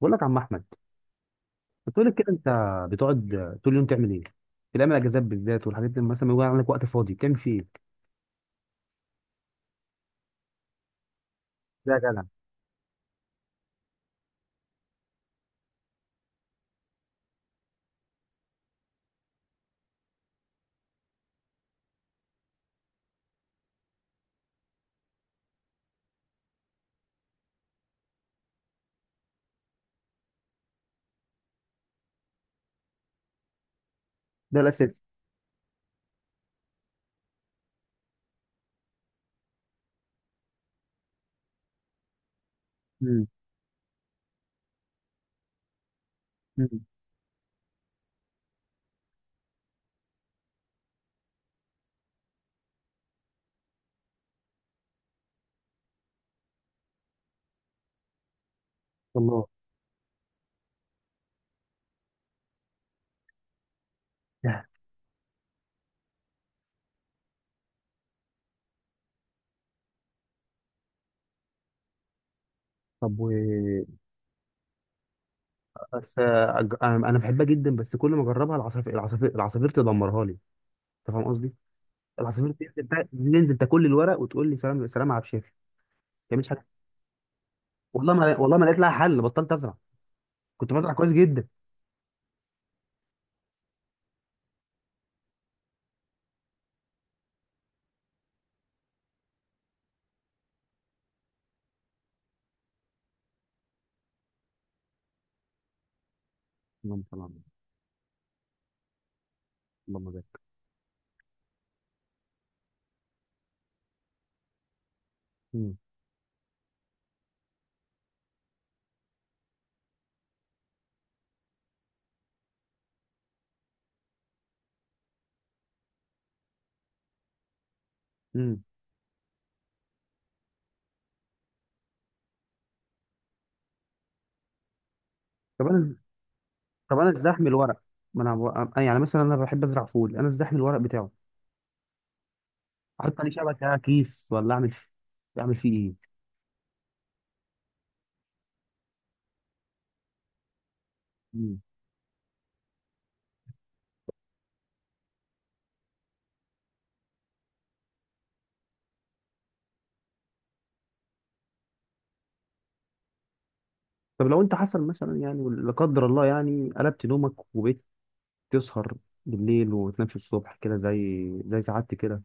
بقول لك يا عم احمد، بتقول لك كده انت بتقعد طول اليوم تعمل ايه في الايام الاجازات بالذات والحاجات دي، مثلا ما يكون عندك وقت فاضي بتعمل فيه ايه؟ ده يا جدع. ده الاساسي. امم. امم. والله. طب و، بس انا أنا بحبها جدا، بس كل ما اجربها العصافير تدمرها لي. انت فاهم قصدي؟ العصافير تنزل ننزل تاكل لي الورق وتقول لي سلام سلام على بشافي ما تعملش حاجه. والله ما لقيت لها حل، بطلت ازرع. كنت بزرع كويس جدا. اللهم صل على النبي. اللهم بارك. امم. امم. طب انا، طب انا ازاحم الورق، ما انا بو- أنا- يعني مثلا انا بحب ازرع فول، انا ازاحم الورق بتاعه، احط عليه شبكه كيس ولا اعمل؟ اعمل فيه ايه؟ مم. طب لو انت حصل مثلا يعني لا قدر الله، يعني قلبت نومك وبقيت تسهر بالليل وتنامش الصبح كده زي سعادتي كده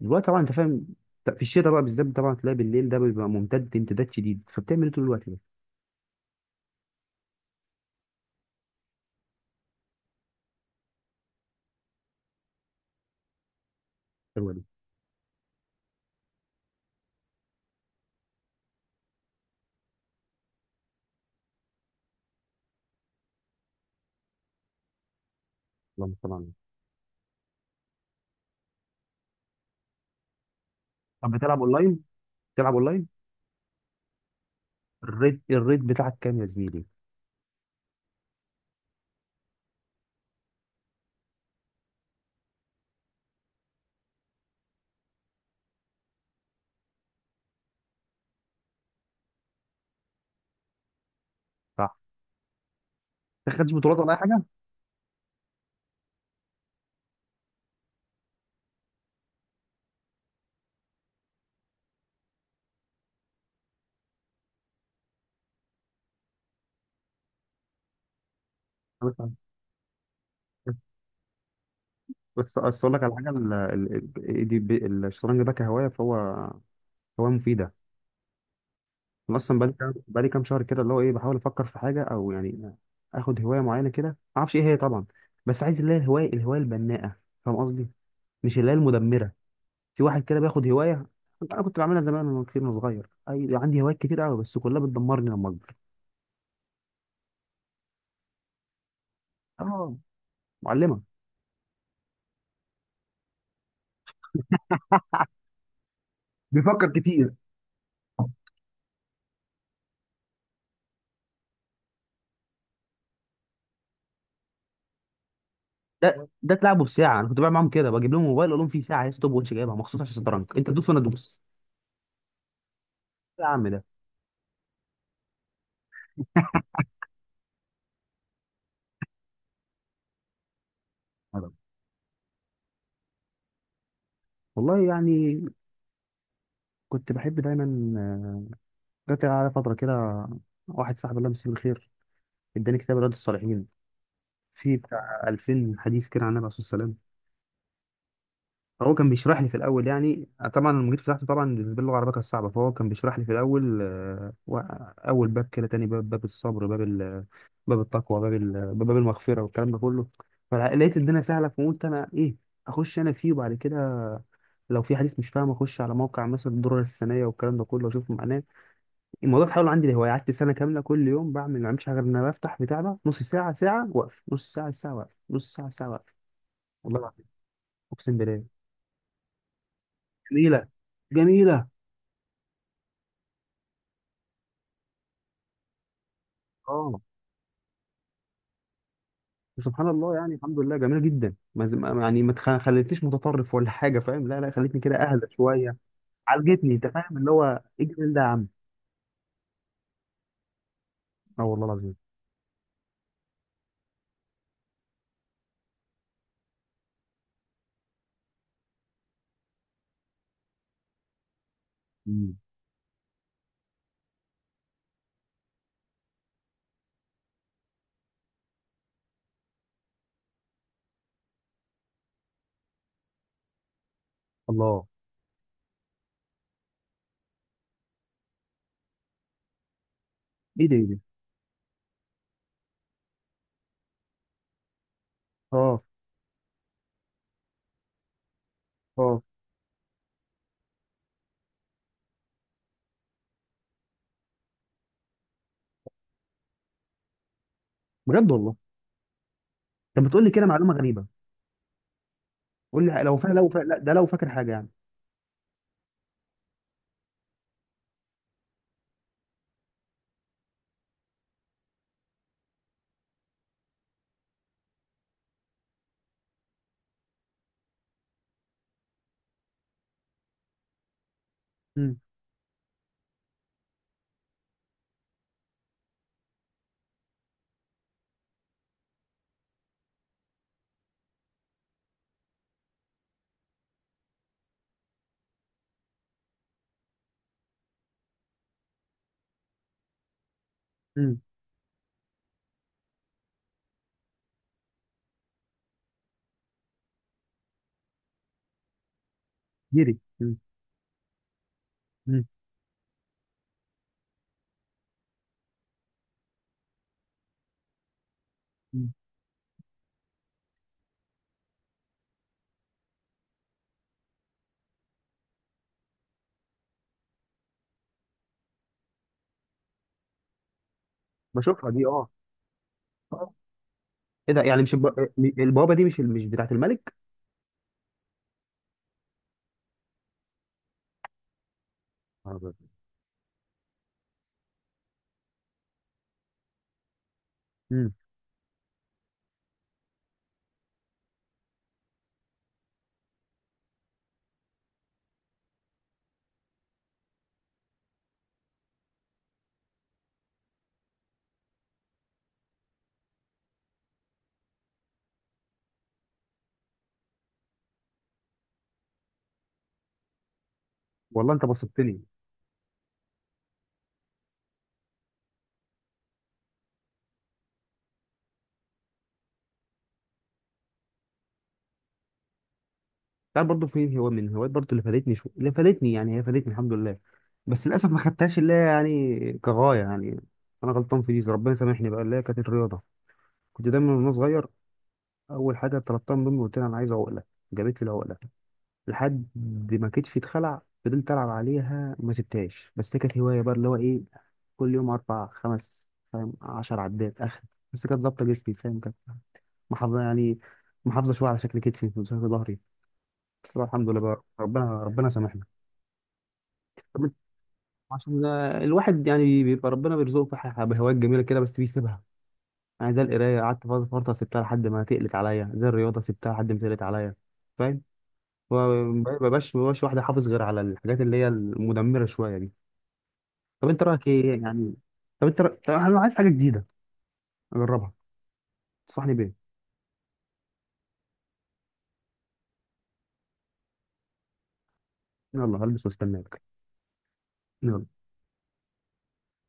دلوقتي طبعا، انت فاهم؟ في الشتاء بقى بالذات طبعا تلاقي بالليل ده بيبقى ممتد امتداد شديد، فبتعمل ايه طول الوقت ده؟ حلوه دي. اللهم صل على النبي. طب بتلعب اونلاين؟ بتلعب اونلاين؟ الريت الريت بتاعك كام يا زميلي؟ صح. ما خدتش بطولات ولا اي حاجه؟ بس بس اقول لك على حاجه، الشطرنج ده كهوايه فهو هوايه مفيده. انا اصلا بقالي كام، بقالي كام شهر كده اللي هو ايه، بحاول افكر في حاجه او يعني اخد هوايه معينه كده، ما اعرفش ايه هي طبعا، بس عايز اللي هي الهوايه، الهوايه البناءه. فاهم قصدي؟ مش اللي هي المدمره. في واحد كده بياخد هوايه. انا كنت بعملها زمان وانا كتير وانا صغير، اي عندي هوايات كتير قوي، بس كلها بتدمرني لما اكبر. اه. معلمه. بيفكر كتير. ده ده تلعبه بساعه، انا كنت بعمل معاهم كده بجيب لهم موبايل اقول لهم في ساعه ستوب واتش جايبها مخصوص عشان الشطرنج، انت تدوس وانا ادوس. يا عم ده. هذا. والله يعني كنت بحب دايما، آه، جات على فترة كده، واحد صاحبي الله يمسيه بالخير اداني كتاب رياض الصالحين فيه بتاع 2000 حديث كده عن النبي عليه الصلاة والسلام. هو كان بيشرح لي في الاول يعني، طبعا المجيد فتحته، طبعا بالنسبه لي اللغه العربيه كانت صعبه، فهو كان بيشرح لي في الاول، اول باب كده، تاني باب، باب الصبر، باب التقوى، باب المغفره والكلام ده كله. فلقيت الدنيا سهله، فقلت انا ايه، اخش انا فيه. وبعد كده لو في حديث مش فاهم اخش على موقع مثلا الدرر السنيه والكلام ده كله اشوف معناه. الموضوع اتحول عندي لهوايه، قعدت سنه كامله كل يوم بعمل، ما بعملش حاجه غير ان انا بفتح بتاع ده نص ساعه ساعه واقف، نص ساعه ساعه واقف، نص ساعه ساعه واقف. والله العظيم، اقسم بالله. جميله. جميله. اه. سبحان الله، يعني الحمد لله جميله جدا، ما ز- ما- يعني ما تخ- خلتنيش متطرف ولا حاجه، فاهم؟ لا، خلتني كده اهدى شويه. عالجتني، انت فاهم اللي هو، ايه الجمال ده يا عم. اه والله العظيم. مم. الله. ايه ده؟ ايه ده؟ اه. اه. بجد والله؟ طب بتقول لي كده معلومه غريبه. قول لي، لا ده لو فاكر حاجه يعني. امم. امم. جيري. مم. مم. مم. بشوفها دي اه. آه. ايه ده؟ يعني مش البوابه دي مش مش بتاعت الملك؟ آه، بس. مم. والله انت بسطتني. تعرف برضه في هو من هوايات برضه اللي فادتني، شو اللي فادتني، يعني هي فادتني الحمد لله، بس للاسف ما خدتهاش اللي هي يعني كغايه يعني. انا غلطان في دي، ربنا سامحني بقى، اللي هي كانت الرياضه. كنت دايما وانا صغير اول حاجه طلبتها من امي قلت لها انا عايز عقله. جابت لي العقله لحد ما كتفي اتخلع، فضلت العب عليها ما سبتهاش. بس هي كانت هوايه بقى اللي هو ايه، كل يوم اربع خمس، فاهم، 10 عدات اخر. بس كانت ظابطه جسمي، فاهم، كانت محافظه يعني، محافظه شويه على شكل كتفي وشكل ظهري. بس الحمد لله بقى، ربنا ربنا سامحني. طب عشان الواحد يعني بيبقى ربنا بيرزقه في بهوايات جميله كده بس بيسيبها. يعني زي القرايه قعدت فتره، فترة سبتها لحد ما تقلت عليا، زي الرياضه سبتها لحد ما تقلت عليا، فاهم؟ ما ما بقاش واحد حافظ غير على الحاجات اللي هي المدمره شويه دي. طب انت رايك ايه يعني؟ طب انا عايز حاجه جديده اجربها. تنصحني بيه؟ يلا هلبس واستناك. يلا.